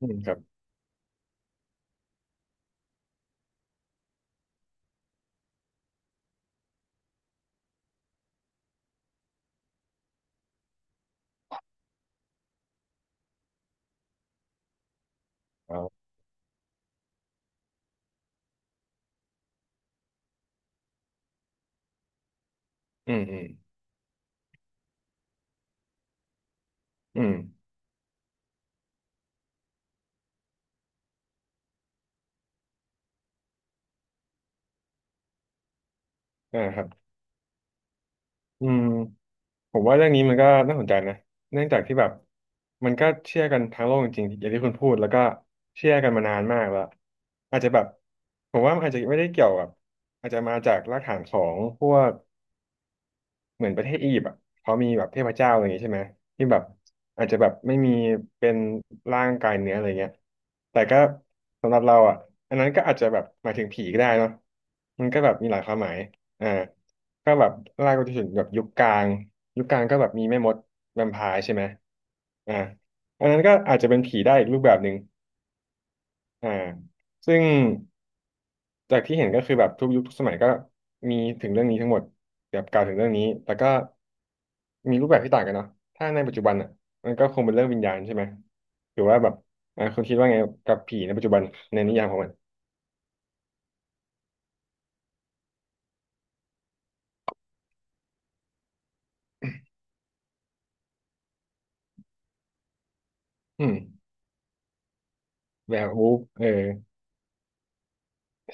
อืมครับอ๋ออืมอืมอืมอ่าครับอืมผมว่าเรื่องนี้มันก็น่าสนใจนะเนื่องจากที่แบบมันก็เชื่อกันทั้งโลกจริงๆอย่างที่คุณพูดแล้วก็เชื่อกันมานานมากแล้วอาจจะแบบผมว่ามันอาจจะไม่ได้เกี่ยวกับอาจจะมาจากรากฐานของพวก เหมือนประเทศอียิปต์อ่ะเขามีแบบเทพเจ้าอะไรอย่างงี้ใช่ไหมที่แบบอาจจะแบบไม่มีเป็นร่างกายเนื้ออะไรเงี้ยแต่ก็สำหรับเราอ่ะอันนั้นก็อาจจะแบบหมายถึงผีก็ได้เนาะมันก็แบบมีหลายความหมายอ่าก็แบบไล่ไปจนถึงแบบยุคกลางยุคกลางก็แบบมีแม่มดแวมไพร์ใช่ไหมอ่าอันนั้นก็อาจจะเป็นผีได้อีกรูปแบบหนึ่งอ่าซึ่ง จากที่เห็นก็คือแบบทุกยุคทุกสมัยก็มีถึงเรื่องนี้ทั้งหมดแบบกล่าวถึงเรื่องนี้ แต่ก็มีรูปแบบที่ต่างกันเนาะถ้าในปัจจุบันอ่ะมันก็คงเป็นเรื่องวิญญาณใช่ไหมหรือว่าแบบอ่าคุณคิดว่าไงกับผีในปัจจุบันในนิยามของมันอืมแบบวูฟเออ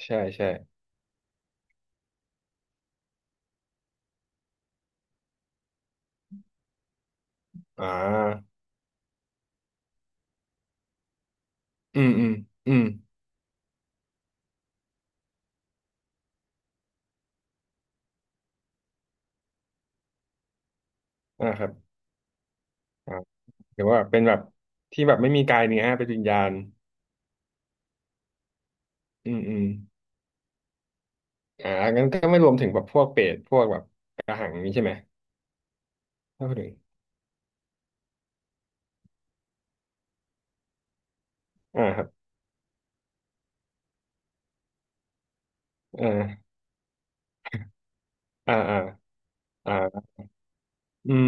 ใช่ใช่อ่าอืมอืมอืมอ่าครับอ่าหรือว่าเป็นแบบที่แบบไม่มีกายเนื้อเป็นวิญญาณอืมอืมอ่างั้นก็ไม่รวมถึงแบบพวกเปรตพวกแบบกระหังนี้ใช่ไหมถ้าพูดถึงอ่าครับอ่า อ่าอ่าอ่าอืม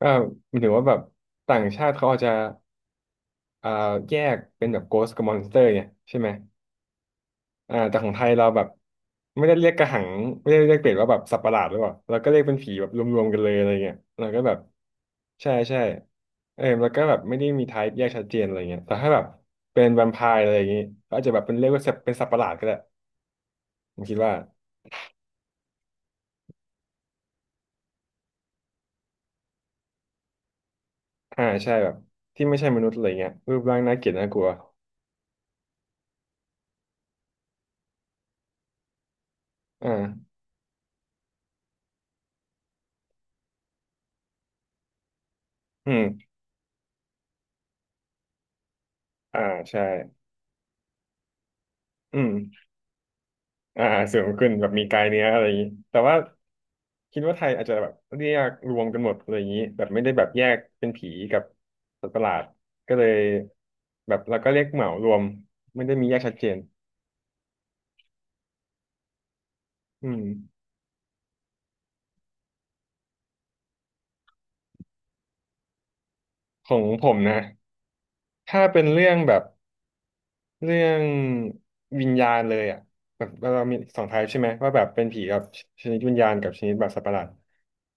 ก็หมายถึงว่าแบบต่างชาติเขาอาจจะอ่าแยกเป็นแบบ Ghost กับ Monster เนี่ยใช่ไหมอ่าแต่ของไทยเราแบบไม่ได้เรียกกระหังไม่ได้เรียกเปรตว่าแบบสัตว์ประหลาดหรือเปล่าเราก็เรียกเป็นผีแบบรวมๆกันเลยอะไรเงี้ยเราก็แบบใช่ใช่เออแล้วก็แบบไม่ได้มีไทป์แยกชัดเจนอะไรเงี้ยแต่ถ้าแบบเป็นแวมไพร์อะไรอย่างงี้ก็อาจจะแบบเป็นเรียกว่าสัตว์เป็นสัตว์ประหลาดก็ได้ผมคิดว่าอ่าใช่แบบที่ไม่ใช่มนุษย์อะไรเงี้ยรูปร่างน่าเกลียดน่ากลัวอ่าอืมอ่าใช่ อืมอ่าสูงขึ้นแบบมีกายเนื้ออะไรอย่างนี้แต่ว่าคิดว่าไทยอาจจะแบบเรียกรวมกันหมดอะไรอย่างนี้แบบไม่ได้แบบแยกเป็นผีกับสัตว์ประหลาดก็เลยแบบเราก็เรียกเหมารวมไม่ได้มีแยกชัดเจนอืมของผมนะถ้าเป็นเรื่องแบบ เรื่องวิญญาณเลยอ่ะแบบเรามีสองไทป์ใช่ไหมว่าแบบเป็นผีกับชนิดวิญญาณกับชนิดแบบสัตว์ประหลาด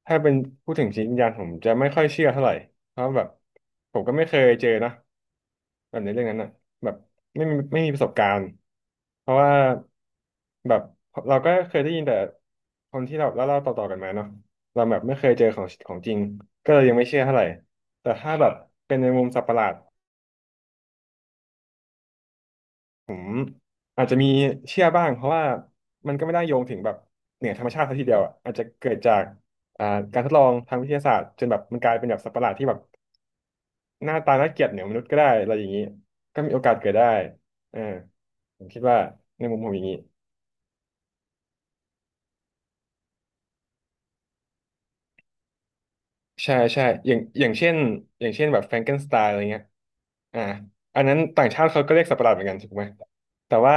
ถ้าเป็นพูดถึงชนิดวิญญาณผมจะไม่ค่อยเชื่อเท่าไหร่เพราะแบบผมก็ไม่เคยเจอนะแบบในเรื่องนั้นอ่ะแบบไม่มีประสบการณ์เพราะว่าแบบเราก็เคยได้ยินแต่คนที่เราเล่าๆต่อๆกันมาเนาะเราแบบไม่เคยเจอของของจริงก็เลยยังไม่เชื่อเท่าไหร่แต่ถ้าแบบเป็นในมุมสัตว์ประหลาด อาจจะมีเชื่อบ้างเพราะว่ามันก็ไม่ได้โยงถึงแบบเหนือธรรมชาติซะทีเดียวอะอาจจะเกิดจากอ่าการทดลองทางวิทยาศาสตร์จนแบบมันกลายเป็นแบบสัตว์ประหลาดที่แบบหน้าตาน่าเกลียดเหนือมนุษย์ก็ได้อะไรอย่างนี้ก็มีโอกาสเกิดได้อ่าผมคิดว่าในมุมผมอย่างนี้ ใช่ใช่อย่างอย่างเช่นอย่างเช่นแบบแฟรงเกนสไตล์อะไรเงี้ยอ่าอันนั้นต่างชาติเขาก็เรียกสัตว์ประหลาดเหมือนกันถูกไหมแต่ว่า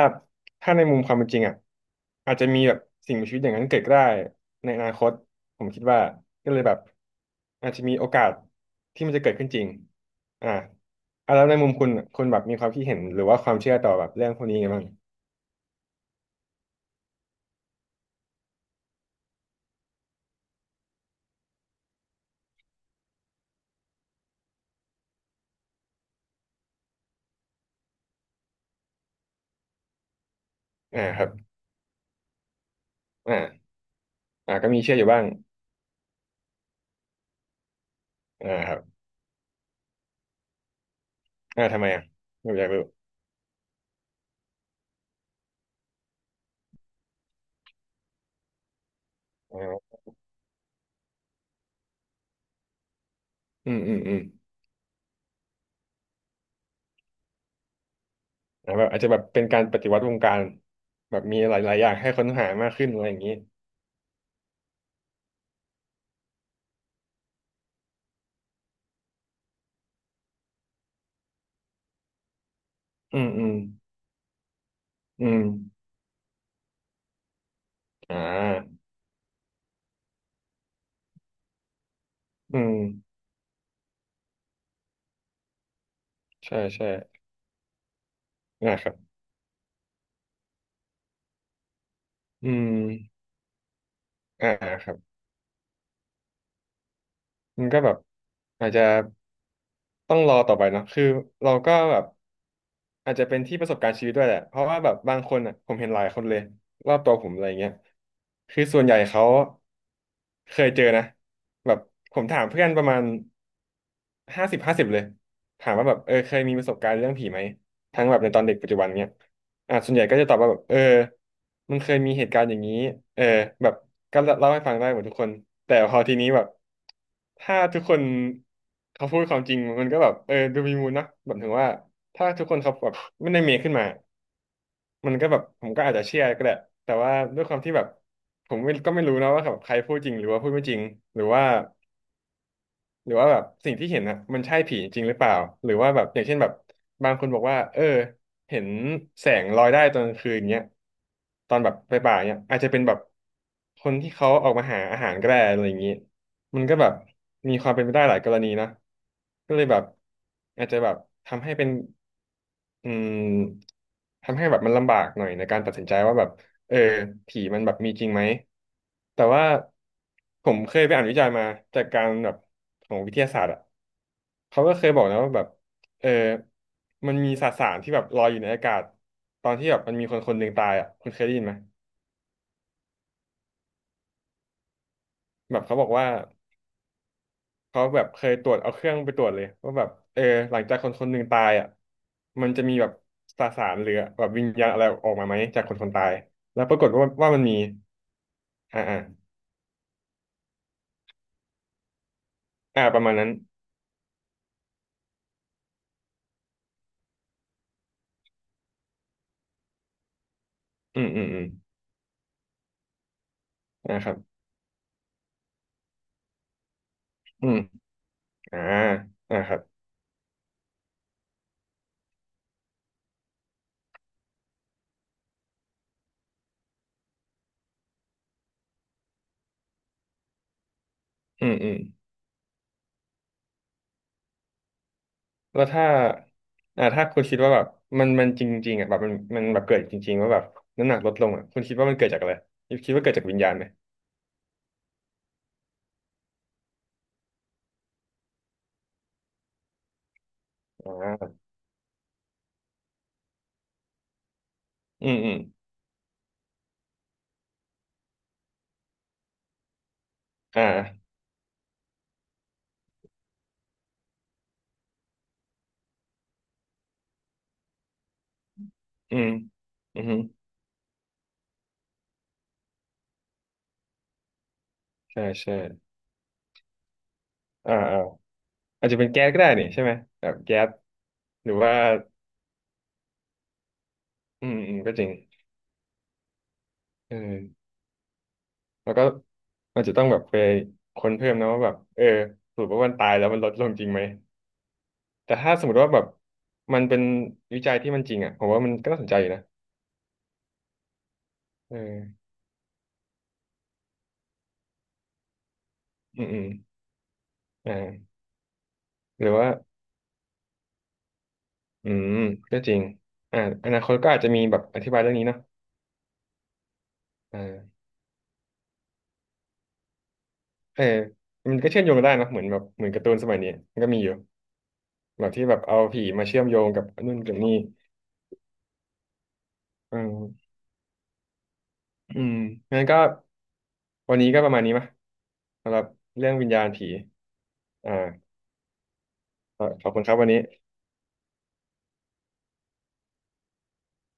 ถ้าในมุมความเป็นจริงอ่ะอาจจะมีแบบสิ่งมีชีวิตอย่างนั้นเกิดก็ได้ในอนาคตผมคิดว่าก็เลยแบบอาจจะมีโอกาสที่มันจะเกิดขึ้นจริงอ่าอ่ะแล้วในมุมคุณคุณแบบมีความคิดเห็นหรือว่าความเชื่อต่อแบบเรื่องพวกนี้ไงบ้างอ่าครับอ่าอ่าก็มีเชื่ออยู่บ้างอ่าครับอ่าทำไมอ่ะผมอยากรู้อ่าอืมอืมอืม อาแบบอาจจะแบบเป็นการปฏิวัติวงการแบบมีหลายๆอย่างให้ค้นหามากขึ้นอะไรอย่างนี้อืม อืมอืมอ่าอืม ใช่ใช่นะครับ อืมอ่าครับมันก็แบบอาจจะต้องรอต่อไปเนาะคือเราก็แบบ อาจจะเป็นที่ประสบการณ์ชีวิตด้วยแหละ เพราะว่าแบบบางคนอ่ะผมเห็นหลายคนเลยรอบตัวผมอะไรเงี้ย คือส่วนใหญ่เขาเคยเจอนะแบบผมถามเพื่อนประมาณ50 50เลยถามว่าแบบเคยมีประสบการณ์เรื่องผีไหมทั้งแบบในตอนเด็กปัจจุบันเนี้ย อ่ะส่วนใหญ่ก็จะตอบว่าแบบมันเคยมีเหตุการณ์อย่างนี้เออแบบก็เล่าให้ฟังได้หมดทุกคนแต่พอทีนี้แบบถ้าทุกคนเขาพูดความจริงมันก็แบบดูมีมูลนะแบบถึงว่าถ้าทุกคนเขาแบบไม่ได้เมคขึ้นมามันก็แบบผมก็อาจจะเชื่อก็ได้แต่ว่าด้วยความที่แบบผมไม่รู้นะว่าแบบใครพูดจริงหรือว่าพูดไม่จริงหรือว่า หรือว่าแบบสิ่งที่เห็นอะมันใช่ผีจริงหรือเปล่าหรือว่าแบบอย่างเช่นแบบบางคนบอกว่าเห็นแสงลอยได้ตอนกลางคืนเงี้ยตอนแบบไปป่าเงี้ยอาจจะเป็นแบบคนที่เขาออกมาหาอาหารก็ได้อะไรอย่างงี้มันก็แบบมีความเป็นไปได้หลายกรณีนะก็เลยแบบอาจจะแบบทำให้เป็น อืมทำให้แบบมันลำบากหน่อยในการตัดสินใจว่าแบบเออผีมันแบบมีจริงไหมแต่ว่าผมเคยไปอ่านวิจัยมาจากการแบบของวิทยาศาสตร์อ่ะเขาก็เคยบอกนะว่าแบบเออมันมีสสารที่แบบลอยอยู่ในอากาศตอนที่แบบมันมีคนคนหนึ่งตายอ่ะคุณเคยได้ยินไหมแบบเขาบอกว่า เขาแบบเคยตรวจเอาเครื่องไปตรวจเลยว่าแบบหลังจากคนคนหนึ่งตายอ่ะมันจะมีแบบสสารหรือแบบวิญญาณอะไรออกมาไหมจากคนคนตายแล้วปรากฏว่ามันมีอ่าอ่าอ่าประมาณนั้นอืมอืมอืมอ่าครับอืมอ่าอ่าครับอืมอืมแล้วถ้าถ้าคุณคิดว่าแบบมันจริงๆอ่ะแบบมันแบบเกิดจริงๆว่าแบบน้ำหนักลดลงอ่ะคุณคิดว่ามันเกิดจากอะไรคิดว่าเกิดจากวิญญาณไหมอ่าอืมอืมอ่าอืมอืมใช่ใช่อ่าอ่า อาจจะเป็นแก๊สก็ได้นี่ใช่ไหมแบบแก๊สหรือว่าอืมอืมก็จริงเออแล้วก็มันจะต้องแบบไปค้นเพิ่มนะว่าแบบสรุปว่ามันตายแล้วมันลดลงจริงไหมแต่ถ้าสมมติว่าแบบมันเป็นวิจัยที่มันจริงอ่ะผมว่ามันก็น่าสนใจอยู่นะเอออืมอืมอ่าหรือว่าอืมก็จริงอ่าอนาคตก็อาจจะมีแบบอธิบายเรื่องนี้เนาะอ่าเออมันก็เชื่อมโยงกันได้นะเหมือนแบบเหมือนการ์ตูนสมัยนี้มันก็มีอยู่แบบที่แบบเอาผีมาเชื่อมโยงกับนู่นกับนี่อืม อืมงั้นก็วันนี้ก็ประมาณนี้มยสำหรับเรื่องวิญญาณผีอ่าขอบคุณครับวันนี้